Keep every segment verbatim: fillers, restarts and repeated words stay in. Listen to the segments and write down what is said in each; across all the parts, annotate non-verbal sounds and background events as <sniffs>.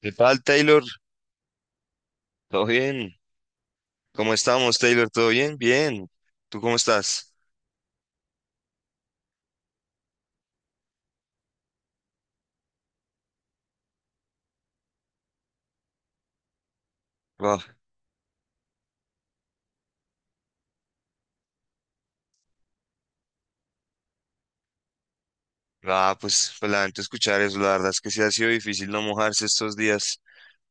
¿Qué tal, Taylor? ¿Todo bien? ¿Cómo estamos, Taylor? ¿Todo bien? Bien. ¿Tú cómo estás? Wow. Ah, pues, pues lamento escuchar eso. La verdad es que sí ha sido difícil no mojarse estos días.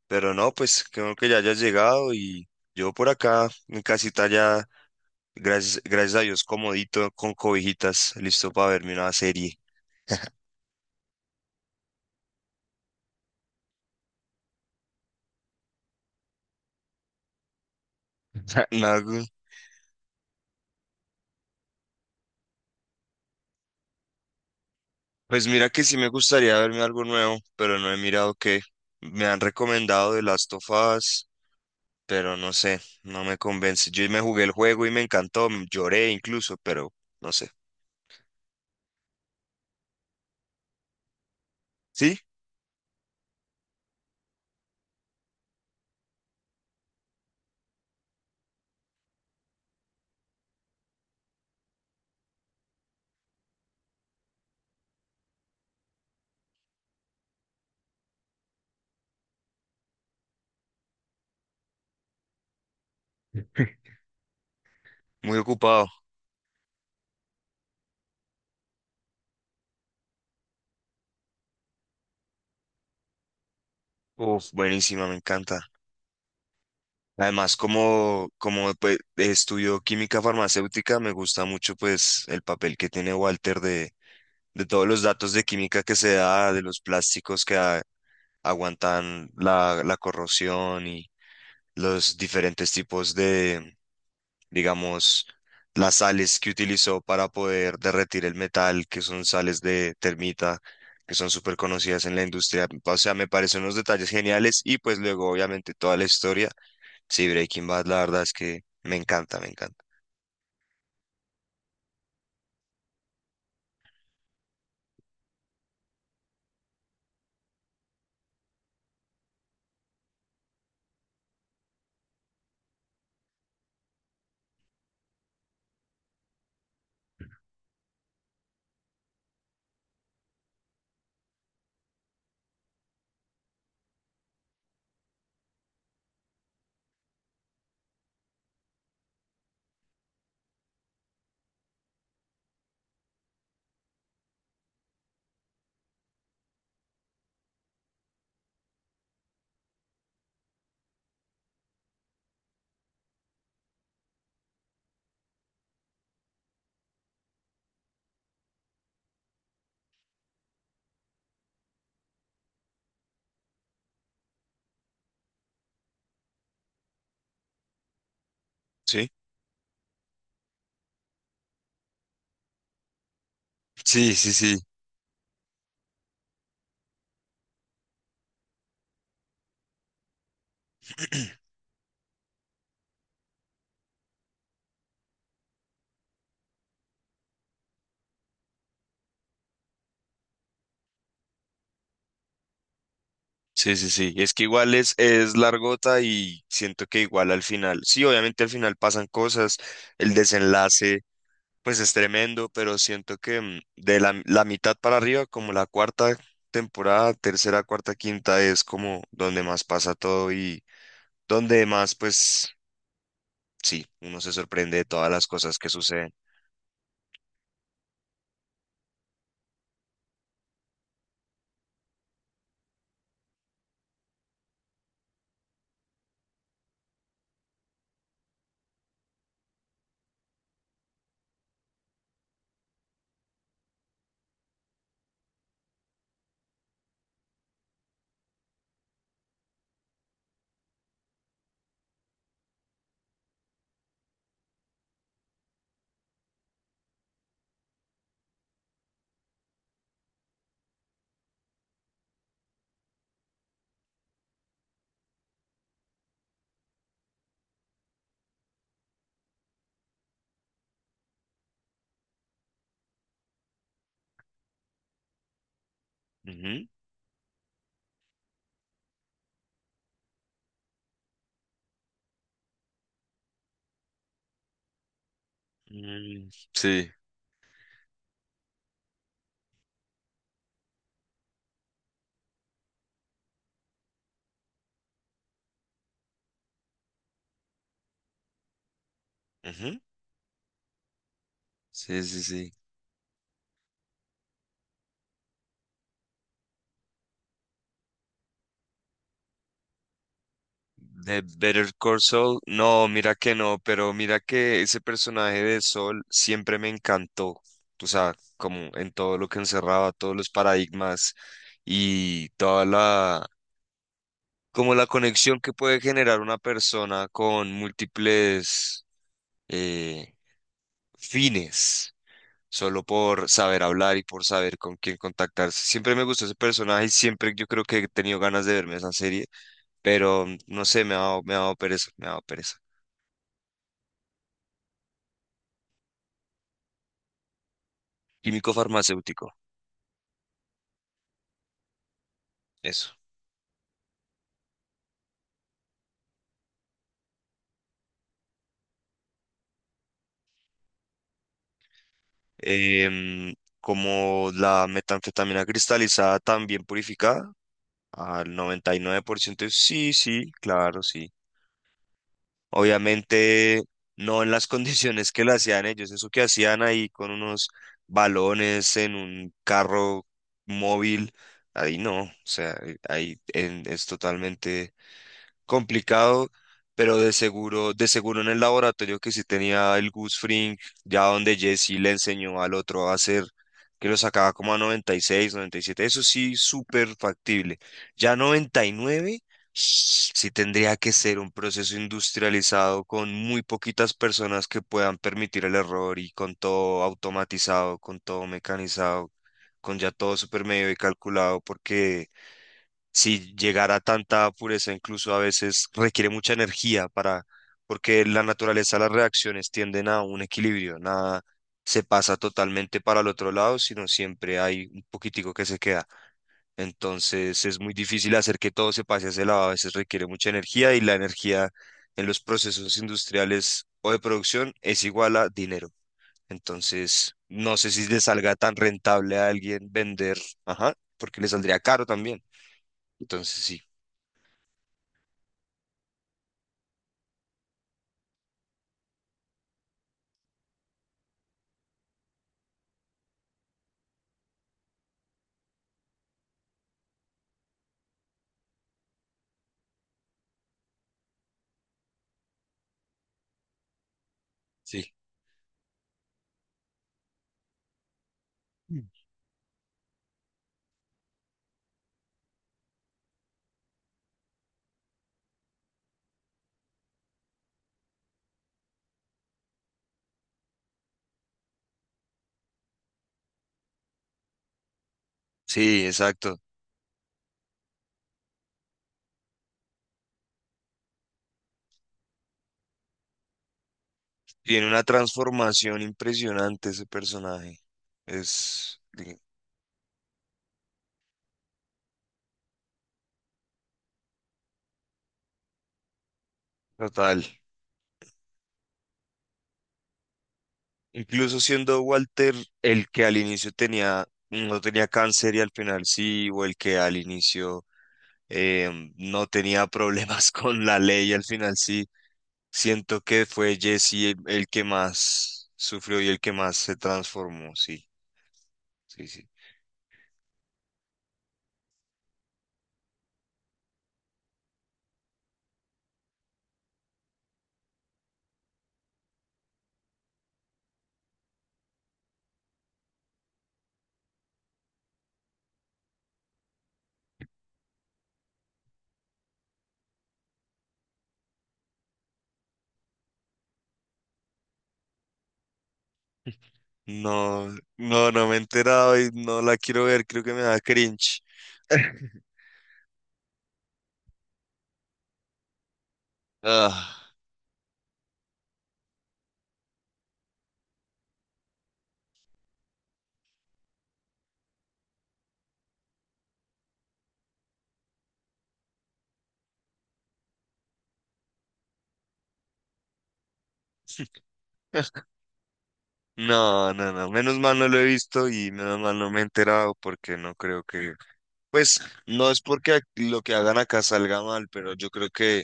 Pero no, pues creo que ya hayas llegado y yo por acá, en casita ya, gracias, gracias a Dios, comodito, con cobijitas, listo para verme una serie. <laughs> Algo- Pues mira que sí me gustaría verme algo nuevo, pero no he mirado qué. Me han recomendado The Last of Us, pero no sé, no me convence. Yo me jugué el juego y me encantó, m- lloré incluso, pero no sé. Sí, muy ocupado. Uf, buenísima, me encanta. Además, como, como pues, estudio química farmacéutica, me gusta mucho pues el papel que tiene Walter de, de todos los datos de química que se da, de los plásticos que a- aguantan la, la corrosión y los diferentes tipos de, digamos, las sales que utilizó para poder derretir el metal, que son sales de termita, que son súper conocidas en la industria. O sea, me parecen unos detalles geniales y pues luego, obviamente, toda la historia. Sí, Breaking Bad, la verdad es que me encanta, me encanta. Sí, sí, sí, sí. <clears throat> Sí, sí, sí. Es que igual es, es largota y siento que igual al final, sí, obviamente al final pasan cosas, el desenlace pues es tremendo, pero siento que mm, de la, la mitad para arriba, como la cuarta temporada, tercera, cuarta, quinta, es como donde más pasa todo y donde más, pues sí, uno se sorprende de todas las cosas que suceden. Ujú. Mm, sí, ujú. Sí, sí, sí. De Better Call Saul, no, mira que no, pero mira que ese personaje de Sol siempre me encantó. O sea, como en todo lo que encerraba, todos los paradigmas y toda la, como la conexión que puede generar una persona con múltiples, eh, fines, solo por saber hablar y por saber con quién contactarse. Siempre me gustó ese personaje y siempre yo creo que he tenido ganas de verme esa serie, pero no sé, me ha dado, me ha dado pereza, me ha dado pereza. Químico farmacéutico, eso. Em, Como la metanfetamina cristalizada, también purificada, al noventa y nueve por ciento, sí, sí, claro, sí. Obviamente no en las <laughs> condiciones que la hacían ellos, eso que hacían ahí con unos balones en un carro móvil, ahí no, o sea, ahí en- es totalmente complicado, pero de seguro, de seguro en el laboratorio que sí tenía el Gus Fring, ya donde Jesse le enseñó al otro a hacer, que lo sacaba como a noventa y seis, noventa y siete, eso sí, súper factible. Ya noventa y nueve, sí tendría que ser un proceso industrializado con muy poquitas personas que puedan permitir el error y con todo automatizado, con todo mecanizado, con ya todo súper medio y calculado, porque si llegar a tanta pureza, incluso a veces requiere mucha energía para, porque la naturaleza, de las reacciones tienden a un equilibrio, nada se pasa totalmente para el otro lado, sino siempre hay un poquitico que se queda. Entonces es muy difícil hacer que todo se pase a ese lado, a veces requiere mucha energía y la energía en los procesos industriales o de producción es igual a dinero. Entonces, no sé si le salga tan rentable a alguien vender, ajá, porque le saldría caro también. Entonces, sí. Sí. Sí, exacto. Tiene una transformación impresionante ese personaje. Es di- Total. Incluso siendo Walter el que al inicio tenía, no tenía cáncer y al final sí, o el que al inicio, em, no tenía problemas <laughs> con la ley y al final sí. Siento que fue Jesse el, el que más sufrió y el que más se transformó, sí, sí, sí. No, no, no me he enterado y no la quiero ver, creo que me da cringe. Ah. <laughs> No, no, no, menos mal no lo he visto y menos mal no me he enterado porque no creo que, pues no es porque ac- lo que hagan acá salga mal, pero yo creo que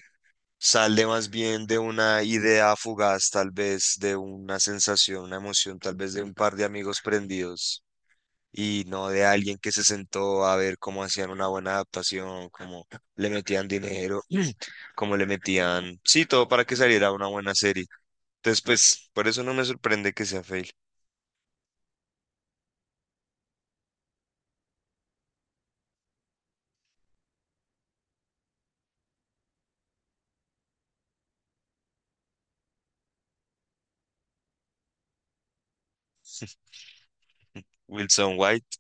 sale más bien de una idea fugaz, tal vez de una sensación, una emoción, tal vez de un par de amigos prendidos y no de alguien que se sentó a ver cómo hacían una buena adaptación, cómo le metían dinero, <clears throat> cómo le metían, sí, todo para que saliera una buena serie. Entonces, pues por eso no me sorprende que sea fake. Wilson White,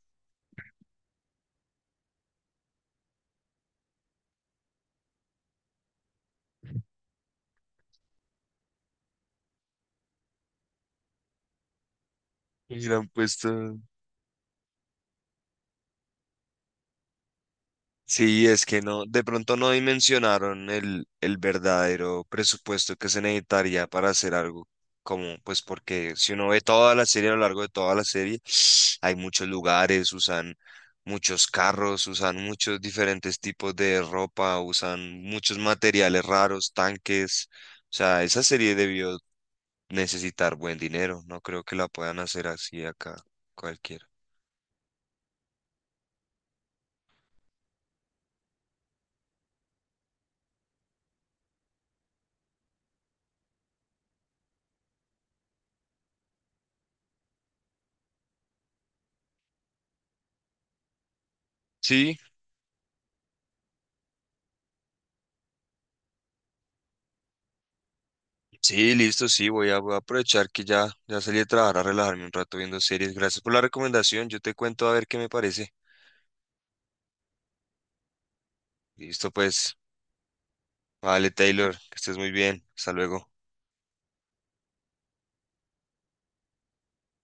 y le han puesto. Sí, es que no, de pronto no dimensionaron el, el verdadero presupuesto que se necesitaría para hacer algo como, pues porque si uno ve toda la serie, a lo largo de toda la serie, <sniffs> hay muchos lugares, usan muchos carros, usan muchos diferentes tipos de ropa, usan muchos materiales raros, tanques. O sea, esa serie debió necesitar buen dinero, no creo que la puedan hacer así acá cualquiera. Sí. Sí, listo, sí, voy a, voy a aprovechar que ya, ya salí de trabajar a relajarme un rato viendo series. Gracias por la recomendación, yo te cuento a ver qué me parece. Listo, pues, vale, Taylor, que estés muy bien, hasta luego.